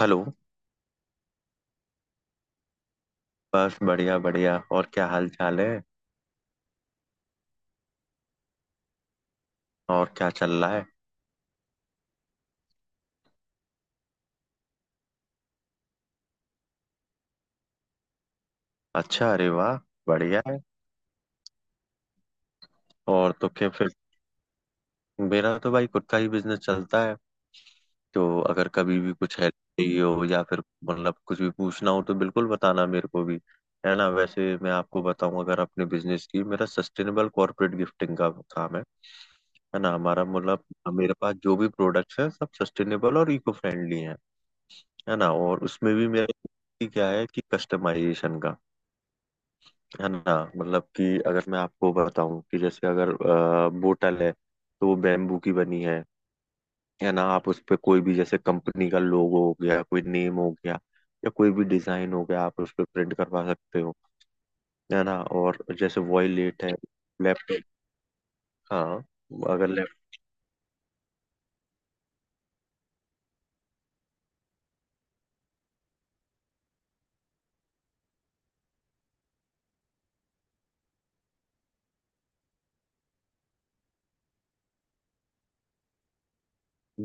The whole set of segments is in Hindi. हेलो। बस बढ़िया बढ़िया, और क्या हाल चाल है? और क्या चल रहा है? अच्छा, अरे वाह, बढ़िया है। और तो क्या फिर, मेरा तो भाई खुद का ही बिजनेस चलता है। तो अगर कभी भी कुछ हेल्प चाहिए हो या फिर मतलब कुछ भी पूछना हो तो बिल्कुल बताना मेरे को भी, है ना। वैसे मैं आपको बताऊं, अगर अपने बिजनेस की, मेरा सस्टेनेबल कॉर्पोरेट गिफ्टिंग का काम है ना। हमारा मतलब मेरे पास जो भी प्रोडक्ट्स हैं सब सस्टेनेबल और इको फ्रेंडली हैं, है ना। और उसमें भी मेरा क्या है कि कस्टमाइजेशन का, है ना। मतलब कि अगर मैं आपको बताऊं कि जैसे अगर बोतल है तो वो बैम्बू की बनी है ना। आप उस पे कोई भी, जैसे कंपनी का लोगो हो गया, कोई नेम हो गया, या कोई भी डिजाइन हो गया, आप उस पे प्रिंट करवा सकते हो, है ना। और जैसे वॉयलेट है, लैप, हाँ, अगर लैप,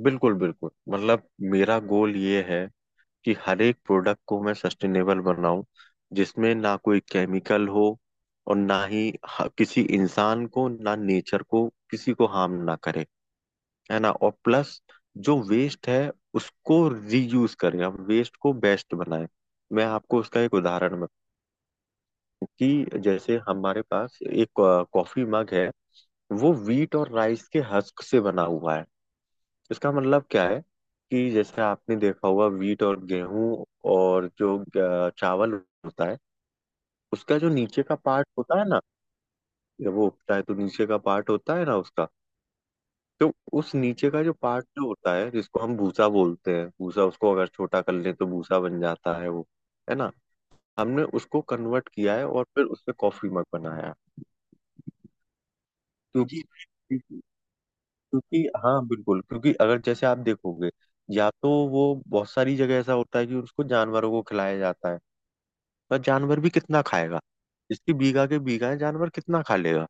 बिल्कुल बिल्कुल। मतलब मेरा गोल ये है कि हर एक प्रोडक्ट को मैं सस्टेनेबल बनाऊं, जिसमें ना कोई केमिकल हो और ना ही किसी इंसान को, ना नेचर को, किसी को हार्म ना करे, है ना। और प्लस, जो वेस्ट है उसको रीयूज करें, हम वेस्ट को बेस्ट बनाएं। मैं आपको उसका एक उदाहरण बताऊं कि जैसे हमारे पास एक कॉफी मग है, वो वीट और राइस के हस्क से बना हुआ है। इसका मतलब क्या है कि जैसे आपने देखा होगा, वीट और गेहूं और जो चावल होता है, उसका जो नीचे का पार्ट होता है ना, जब वो उगता है तो नीचे का पार्ट होता है ना उसका, तो उस नीचे का जो पार्ट जो होता है, जिसको हम भूसा बोलते हैं, भूसा, उसको अगर छोटा कर लें तो भूसा बन जाता है वो, है ना। हमने उसको कन्वर्ट किया है और फिर उससे कॉफी मग बनाया। जी, क्योंकि, क्योंकि हाँ बिल्कुल, क्योंकि अगर जैसे आप देखोगे, या तो वो, बहुत सारी जगह ऐसा होता है कि उसको जानवरों को खिलाया जाता है, पर जानवर भी कितना खाएगा। इसकी बीघा के बीघा है, जानवर कितना खा लेगा,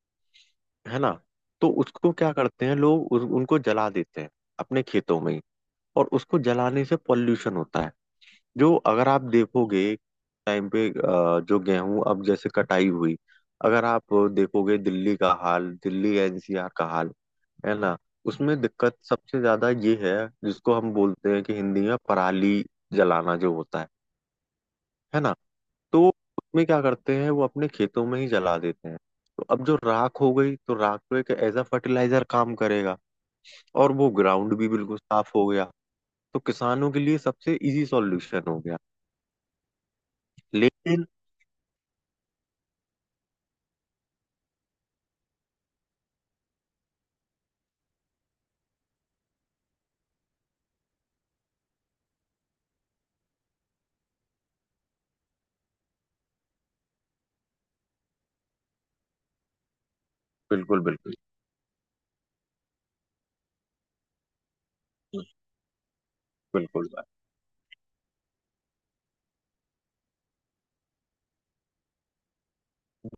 है ना। तो उसको क्या करते हैं लोग, उनको जला देते हैं अपने खेतों में ही, और उसको जलाने से पॉल्यूशन होता है। जो अगर आप देखोगे टाइम पे, जो गेहूं अब जैसे कटाई हुई, अगर आप देखोगे दिल्ली का हाल, दिल्ली एनसीआर का हाल, है ना। उसमें दिक्कत सबसे ज्यादा ये है जिसको हम बोलते हैं कि हिंदी में पराली जलाना, जो होता है ना। तो उसमें क्या करते हैं, वो अपने खेतों में ही जला देते हैं। तो अब जो राख हो गई, तो राख तो एक एज अ फर्टिलाइजर काम करेगा, और वो ग्राउंड भी बिल्कुल साफ हो गया। तो किसानों के लिए सबसे इजी सॉल्यूशन हो गया लेकिन। बिल्कुल बिल्कुल। बिल्कुल भाई।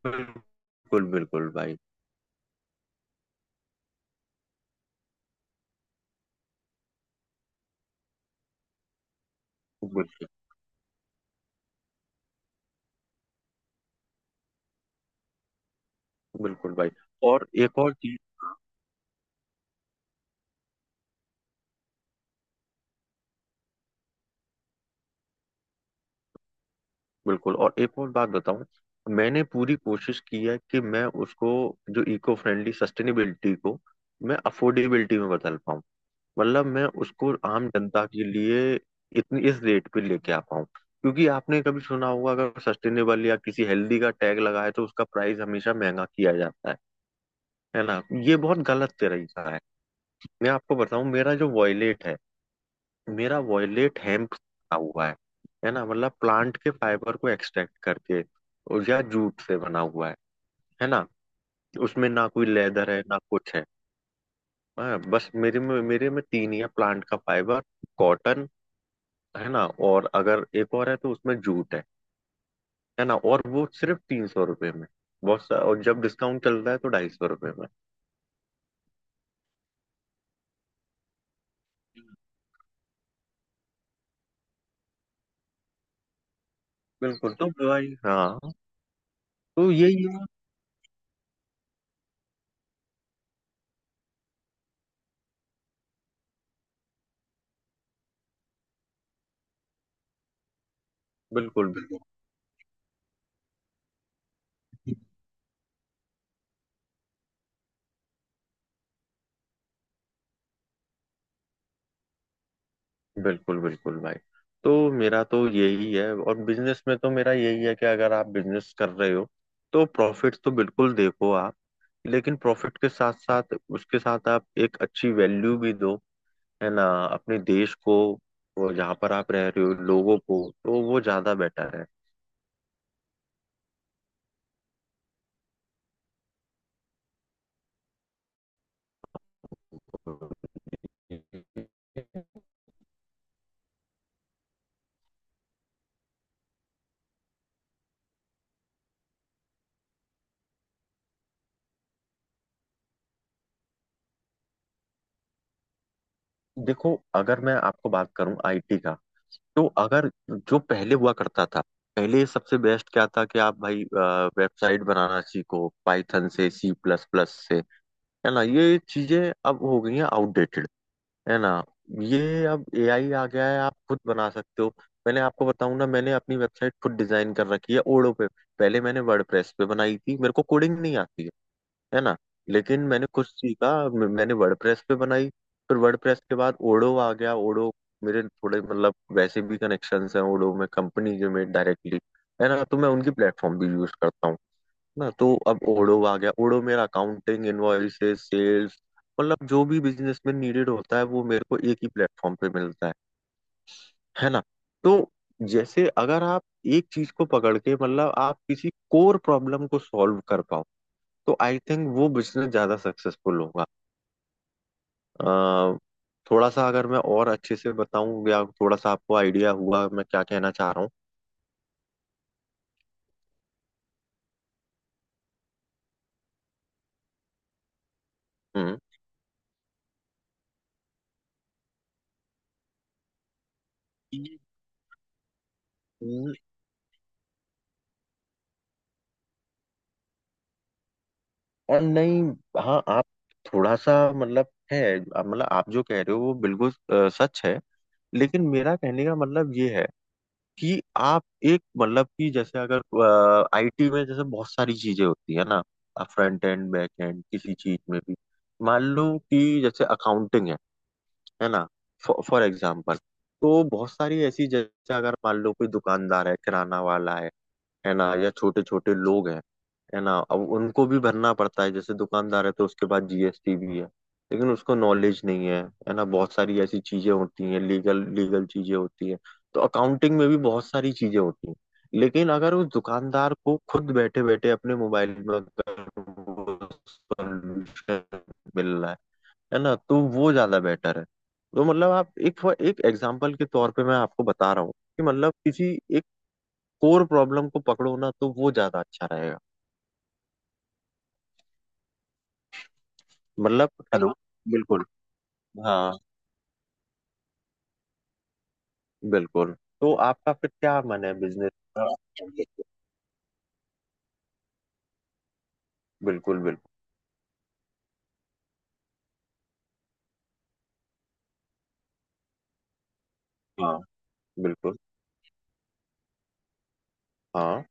बिल्कुल बिल्कुल भाई। बिल्कुल बिल्कुल भाई। और एक और चीज बिल्कुल, और एक और बात बताऊं। मैंने पूरी कोशिश की है कि मैं उसको, जो इको फ्रेंडली सस्टेनेबिलिटी को, मैं अफोर्डेबिलिटी में बदल पाऊं। मतलब मैं उसको आम जनता के लिए इतनी, इस रेट पे लेके आ पाऊं, क्योंकि आपने कभी सुना होगा, अगर सस्टेनेबल या किसी हेल्दी का टैग लगा है तो उसका प्राइस हमेशा महंगा किया जाता है ना। ये बहुत गलत तरीका है। मैं आपको बताऊं, मेरा जो वॉयलेट है, मेरा वॉयलेट हेम्प बना हुआ है ना। मतलब प्लांट के फाइबर को एक्सट्रैक्ट करके, और या जूट से बना हुआ है ना। उसमें ना कोई लेदर है, ना कुछ है। हाँ, बस मेरे में तीन ही है, प्लांट का फाइबर, कॉटन, है ना। और अगर एक और है तो उसमें जूट है ना। और वो सिर्फ 300 रुपये में, बहुत सा, और जब डिस्काउंट चल रहा है तो 250 रुपये में। बिल्कुल तो भाई, हाँ, तो यही है। बिल्कुल बिल्कुल, बिल्कुल भाई। तो मेरा तो यही है, और बिजनेस में तो मेरा यही है कि अगर आप बिजनेस कर रहे हो, तो प्रॉफिट तो बिल्कुल देखो आप, लेकिन प्रॉफिट के साथ साथ, उसके साथ आप एक अच्छी वैल्यू भी दो, है ना, अपने देश को, वो जहाँ पर आप रह रहे हो, लोगों को, तो वो ज्यादा बेटर है। देखो, अगर मैं आपको बात करूं आईटी का, तो अगर जो पहले हुआ करता था, पहले सबसे बेस्ट क्या था कि आप भाई वेबसाइट बनाना सीखो, पाइथन से, सी प्लस प्लस से, है ना। ये चीजें अब हो गई हैं आउटडेटेड, है ना। ये, अब एआई आ गया है, आप खुद बना सकते हो। मैंने आपको बताऊं ना, मैंने अपनी वेबसाइट खुद डिजाइन कर रखी है ओडो पे। पहले मैंने वर्डप्रेस पे बनाई थी, मेरे को कोडिंग नहीं आती है ना। लेकिन मैंने कुछ सीखा, मैंने वर्डप्रेस पे बनाई, फिर वर्डप्रेस के बाद ओडो आ गया। ओडो, मेरे थोड़े मतलब वैसे भी कनेक्शंस हैं ओडो में, कंपनी के में डायरेक्टली, है ना। तो मैं उनकी प्लेटफॉर्म भी यूज करता हूँ ना। तो अब ओडो आ गया, ओडो मेरा अकाउंटिंग, इनवॉइसेस, सेल्स, मतलब जो भी बिजनेस में नीडेड होता है वो मेरे को एक ही प्लेटफॉर्म पे मिलता है ना। तो जैसे अगर आप एक चीज को पकड़ के, मतलब आप किसी कोर प्रॉब्लम को सॉल्व कर पाओ, तो आई थिंक वो बिजनेस ज्यादा सक्सेसफुल होगा। अ, थोड़ा सा अगर मैं और अच्छे से बताऊं, या थोड़ा सा आपको आइडिया हुआ मैं क्या कहना चाह रहा हूँ? हम्म। हम्म, और नहीं, हाँ आप, थोड़ा सा मतलब है, मतलब आप जो कह रहे हो वो बिल्कुल सच है, लेकिन मेरा कहने का मतलब ये है कि आप एक, मतलब कि जैसे अगर आईटी में जैसे बहुत सारी चीजें होती है ना, आप फ्रंट एंड, बैक एंड, किसी चीज में भी, मान लो कि जैसे अकाउंटिंग है ना, फॉर एग्जाम्पल। तो बहुत सारी ऐसी, जैसे अगर मान लो कोई दुकानदार है, किराना वाला है ना, या छोटे छोटे लोग हैं, है ना। अब उनको भी भरना पड़ता है, जैसे दुकानदार है तो उसके पास जीएसटी भी है, लेकिन उसको नॉलेज नहीं है, है ना। बहुत सारी ऐसी चीजें होती हैं, लीगल लीगल चीजें होती हैं, तो अकाउंटिंग में भी बहुत सारी चीजें होती हैं। लेकिन अगर उस दुकानदार को खुद बैठे बैठे अपने मोबाइल में अगर वो solution मिल रहा है ना, तो वो ज्यादा बेटर है। तो मतलब आप एक, एक एग्जाम्पल के तौर पे मैं आपको बता रहा हूँ कि मतलब किसी एक कोर प्रॉब्लम को पकड़ो ना, तो वो ज्यादा अच्छा रहेगा। मतलब हेलो, बिल्कुल, हाँ। बिल्कुल, तो आपका फिर क्या मन है बिजनेस? बिल्कुल बिल्कुल। हाँ बिल्कुल। हाँ।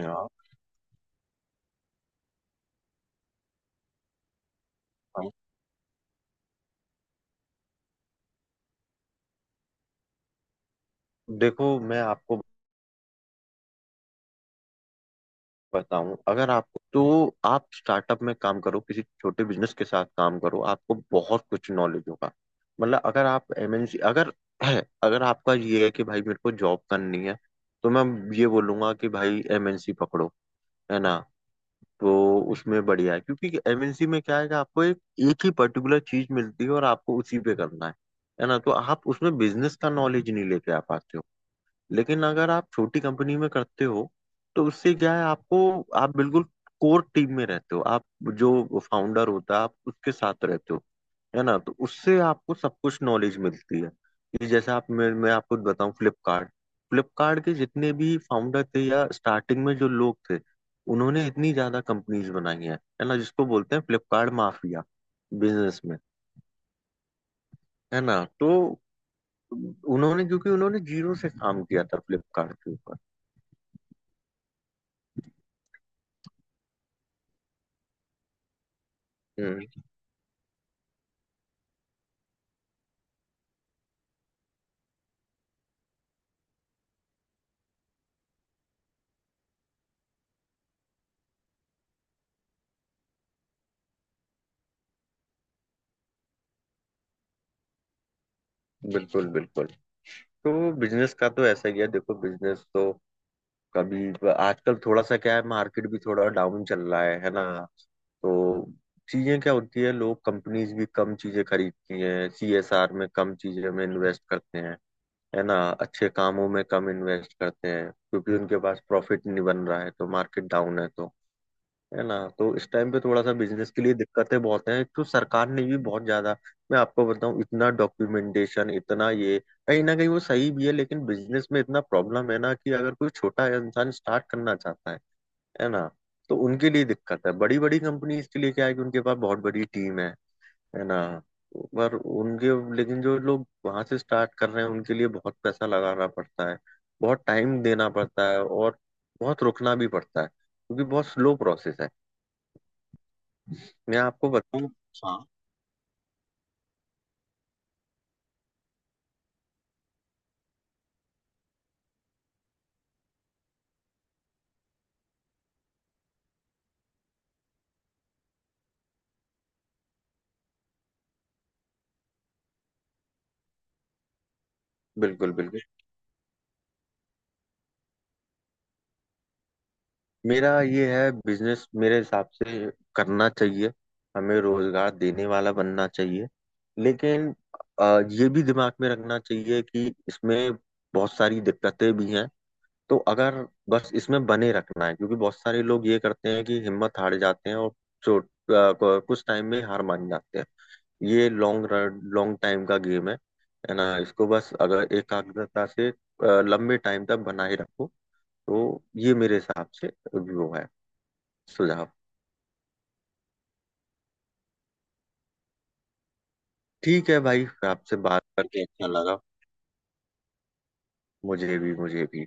हाँ। हाँ। देखो मैं आपको बताऊं, अगर आपको, तो आप स्टार्टअप में काम करो, किसी छोटे बिजनेस के साथ काम करो, आपको बहुत कुछ नॉलेज होगा। मतलब अगर आप एमएनसी, अगर है, अगर आपका ये है कि भाई मेरे को जॉब करनी है, तो मैं ये बोलूंगा कि भाई एमएनसी पकड़ो, है ना। तो उसमें बढ़िया है, क्योंकि एमएनसी में क्या है कि आपको एक, एक ही पर्टिकुलर चीज मिलती है और आपको उसी पे करना है ना। तो आप उसमें बिजनेस का नॉलेज नहीं लेके आ पाते हो, लेकिन अगर आप छोटी कंपनी में करते हो तो उससे क्या है, आपको, आप बिल्कुल कोर टीम में रहते हो, आप जो फाउंडर होता है आप उसके साथ रहते हो, है ना। तो उससे आपको सब कुछ नॉलेज मिलती है कि जैसे आप, मैं आपको बताऊं फ्लिपकार्ट, फ्लिपकार्ट के जितने भी फाउंडर थे या स्टार्टिंग में जो लोग थे, उन्होंने इतनी ज्यादा कंपनीज बनाई हैं, है ना, जिसको बोलते हैं फ्लिपकार्ट माफिया, बिजनेस में, है ना। तो उन्होंने, क्योंकि उन्होंने जीरो से काम किया था फ्लिपकार्ट के ऊपर। हम्म, बिल्कुल बिल्कुल। तो बिजनेस का तो ऐसा ही है, देखो बिजनेस तो, कभी, आजकल थोड़ा सा क्या है, मार्केट भी थोड़ा डाउन चल रहा है ना। तो चीजें क्या होती है, लोग, कंपनीज भी कम चीजें खरीदती हैं, सीएसआर में कम चीजें में इन्वेस्ट करते हैं, है ना, अच्छे कामों में कम इन्वेस्ट करते हैं क्योंकि उनके पास प्रॉफिट नहीं बन रहा है, तो मार्केट डाउन है तो, है ना। तो इस टाइम पे थोड़ा सा बिजनेस के लिए दिक्कतें बहुत हैं, तो सरकार ने भी बहुत ज्यादा, मैं आपको बताऊं, इतना डॉक्यूमेंटेशन, इतना ये, कहीं ना कहीं वो सही भी है, लेकिन बिजनेस में इतना प्रॉब्लम है ना, कि अगर कोई छोटा इंसान स्टार्ट करना चाहता है ना, तो उनके लिए दिक्कत है। बड़ी बड़ी कंपनीज के लिए क्या है कि उनके पास बहुत बड़ी टीम है ना। पर उनके लेकिन जो लोग वहां से स्टार्ट कर रहे हैं उनके लिए बहुत पैसा लगाना पड़ता है, बहुत टाइम देना पड़ता है, और बहुत रुकना भी पड़ता है क्योंकि बहुत स्लो प्रोसेस है। मैं आपको बताऊं, हाँ, बिल्कुल बिल्कुल। मेरा ये है, बिजनेस मेरे हिसाब से करना चाहिए, हमें रोजगार देने वाला बनना चाहिए। लेकिन ये भी दिमाग में रखना चाहिए कि इसमें बहुत सारी दिक्कतें भी हैं, तो अगर, बस इसमें बने रखना है, क्योंकि बहुत सारे लोग ये करते हैं कि हिम्मत हार जाते हैं और चोट अ, कुछ टाइम में हार मान जाते हैं। ये लॉन्ग टाइम का गेम है ना। इसको बस अगर एकाग्रता से लंबे टाइम तक बनाए रखो, तो ये मेरे हिसाब से वो है, सुझाव। ठीक है भाई, आपसे बात करके अच्छा लगा। मुझे भी, मुझे भी।